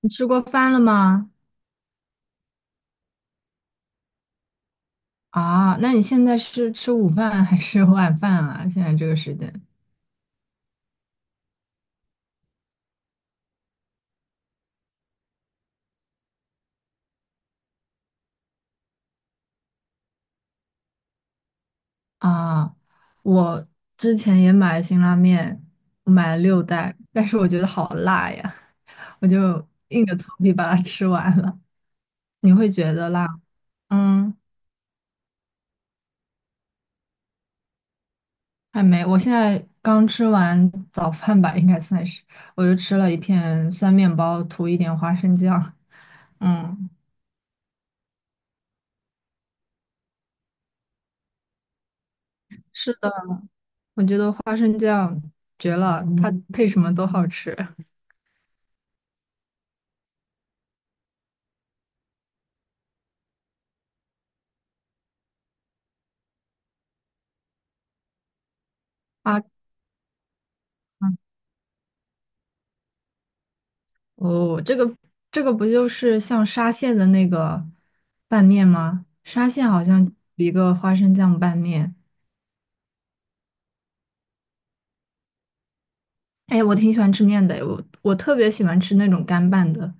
你吃过饭了吗？啊，那你现在是吃午饭还是晚饭啊？现在这个时间啊，我之前也买了辛拉面，我买了六袋，但是我觉得好辣呀，我就硬着头皮把它吃完了。你会觉得辣吗？嗯，还没，我现在刚吃完早饭吧，应该算是，我就吃了一片酸面包，涂一点花生酱。嗯，是的。我觉得花生酱绝了，它配什么都好吃啊！哦，这个不就是像沙县的那个拌面吗？沙县好像有一个花生酱拌面，哎，我挺喜欢吃面的，我特别喜欢吃那种干拌的，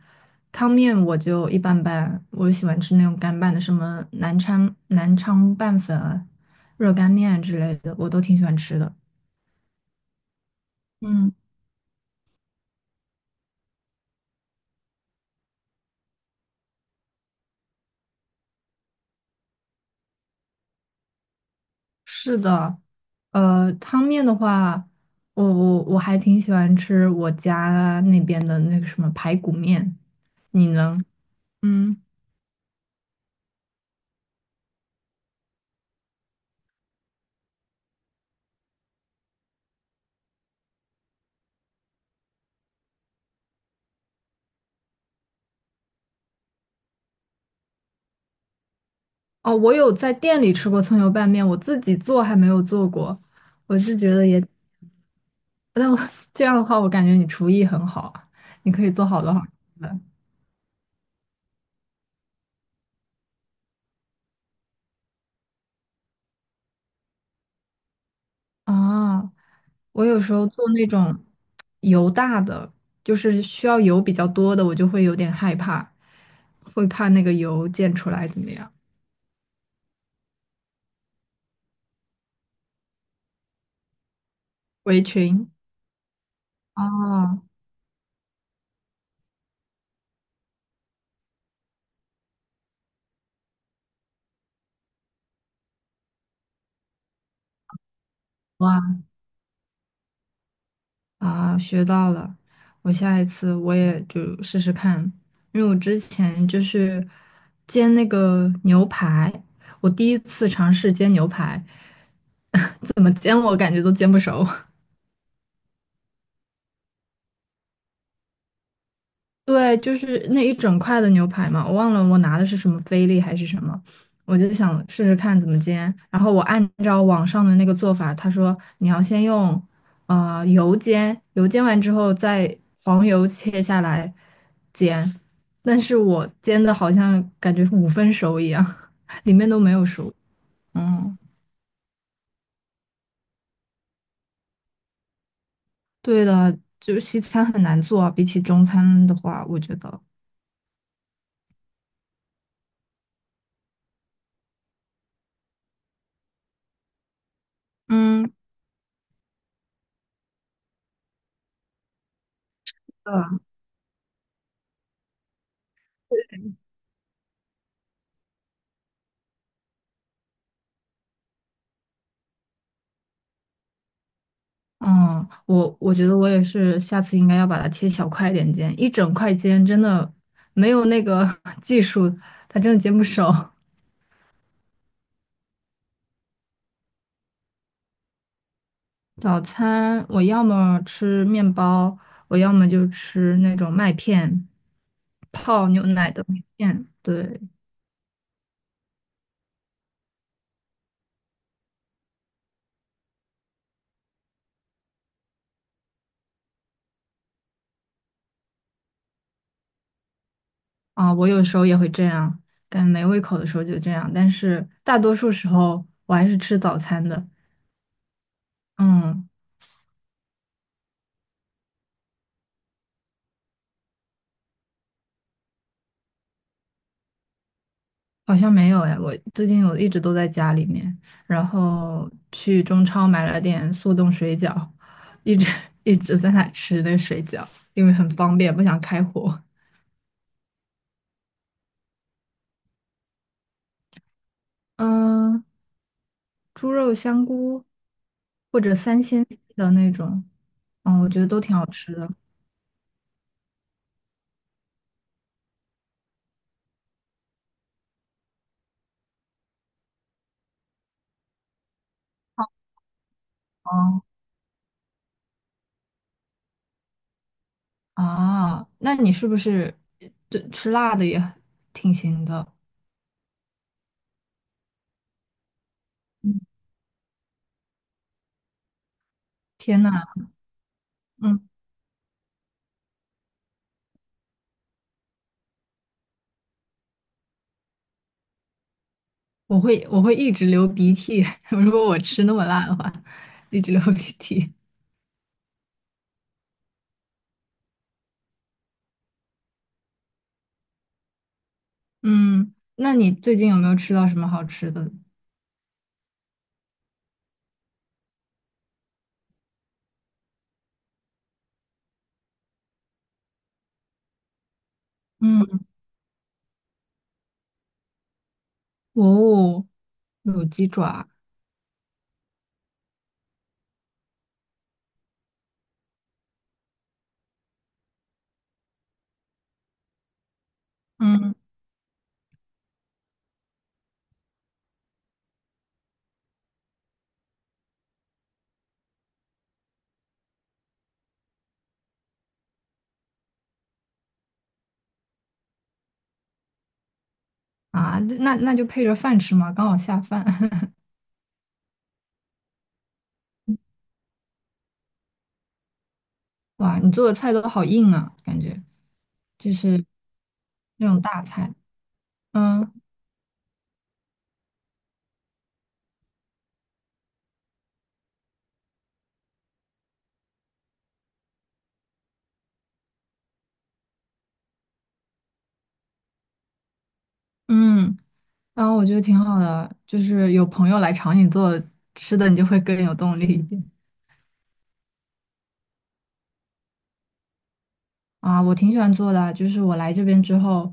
汤面我就一般般，我喜欢吃那种干拌的，什么南昌拌粉啊热干面之类的，我都挺喜欢吃的。嗯。是的，汤面的话，我还挺喜欢吃我家那边的那个什么排骨面，你呢？嗯，哦，我有在店里吃过葱油拌面，我自己做还没有做过，我是觉得也，但我 这样的话，我感觉你厨艺很好啊你可以做好多好吃的啊。我有时候做那种油大的，就是需要油比较多的，我就会有点害怕，会怕那个油溅出来怎么样。围裙。哦，哇啊，学到了！我下一次也就试试看，因为我之前就是煎那个牛排，我第一次尝试煎牛排，怎么煎我感觉都煎不熟。对，就是那一整块的牛排嘛，我忘了拿的是什么菲力还是什么，我就想试试看怎么煎。然后我按照网上的那个做法，他说你要先用油煎，油煎完之后再黄油切下来煎。但是我煎的好像感觉五分熟一样，里面都没有熟。嗯，对的，就是西餐很难做啊，比起中餐的话，我觉得，嗯。嗯，我觉得我也是，下次应该要把它切小块一点煎，一整块煎真的没有那个 技术，它真的煎不熟。早餐我要么吃面包，我要么就吃那种麦片，泡牛奶的麦片。对，啊，我有时候也会这样，但没胃口的时候就这样，但是大多数时候我还是吃早餐的。嗯，好像没有哎，我最近一直都在家里面，然后去中超买了点速冻水饺，一直 一直在那吃那个水饺，因为很方便，不想开火。嗯、猪肉香菇或者三鲜的那种，嗯，我觉得都挺好吃的。哦啊，那你是不是对吃辣的也挺行的？嗯，天呐，我会一直流鼻涕，如果我吃那么辣的话，一直流鼻涕。嗯，那你最近有没有吃到什么好吃的？嗯，哦，卤鸡爪，嗯啊，那那就配着饭吃嘛，刚好下饭。哇，你做的菜都好硬啊，感觉就是那种大菜。嗯嗯，然后我觉得挺好的，就是有朋友来尝你做吃的，你就会更有动力一点。啊，我挺喜欢做的啊，就是我来这边之后，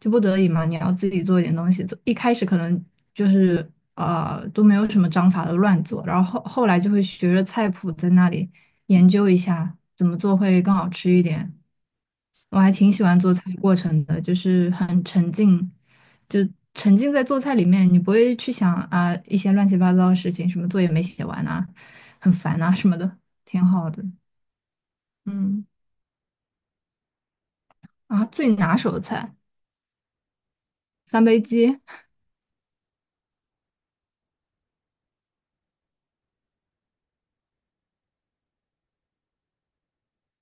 就不得已嘛，你要自己做一点东西。做一开始可能就是都没有什么章法的乱做，然后后来就会学着菜谱在那里研究一下怎么做会更好吃一点。我还挺喜欢做菜过程的，就是很沉浸，就沉浸在做菜里面，你不会去想啊一些乱七八糟的事情，什么作业没写完啊，很烦啊什么的，挺好的。嗯，啊，最拿手的菜三杯鸡。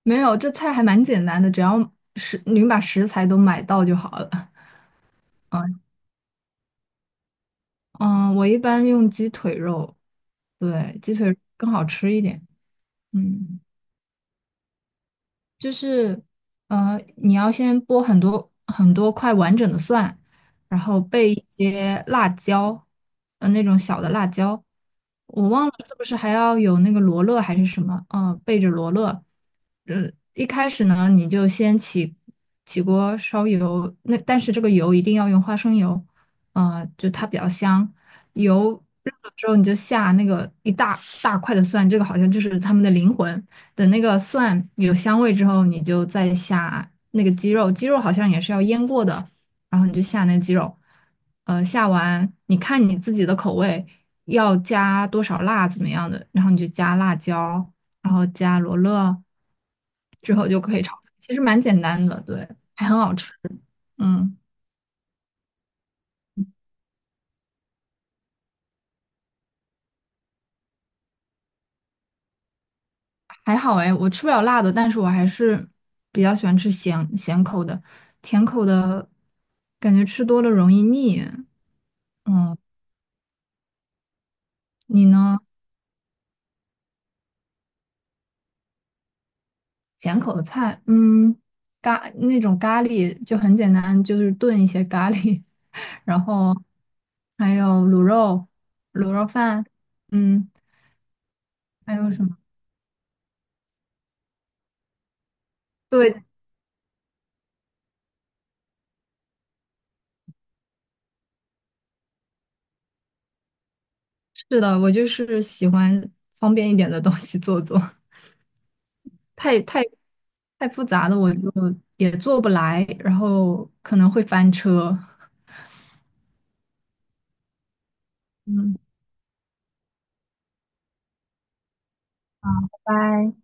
没有，这菜还蛮简单的，只要您把食材都买到就好了。嗯嗯，我一般用鸡腿肉，对，鸡腿更好吃一点。嗯。就是你要先剥很多块完整的蒜，然后备一些辣椒，那种小的辣椒，我忘了是不是还要有那个罗勒还是什么，备着罗勒。嗯，一开始呢，你就先起锅烧油，那但是这个油一定要用花生油，就它比较香。油热了之后，你就下那个一大块的蒜，这个好像就是他们的灵魂。等那个蒜有香味之后，你就再下那个鸡肉，鸡肉好像也是要腌过的，然后你就下那个鸡肉，下完你看你自己的口味要加多少辣怎么样的，然后你就加辣椒，然后加罗勒，之后就可以炒，其实蛮简单的，对，还很好吃，嗯，还好哎，我吃不了辣的，但是我还是比较喜欢吃咸咸口的，甜口的感觉吃多了容易腻，嗯，你呢？咸口的菜，嗯，那种咖喱就很简单，就是炖一些咖喱，然后还有卤肉、卤肉饭，嗯，还有什么？对，是的，我就是喜欢方便一点的东西做做，太太太复杂的我就也做不来，然后可能会翻车。嗯，拜拜。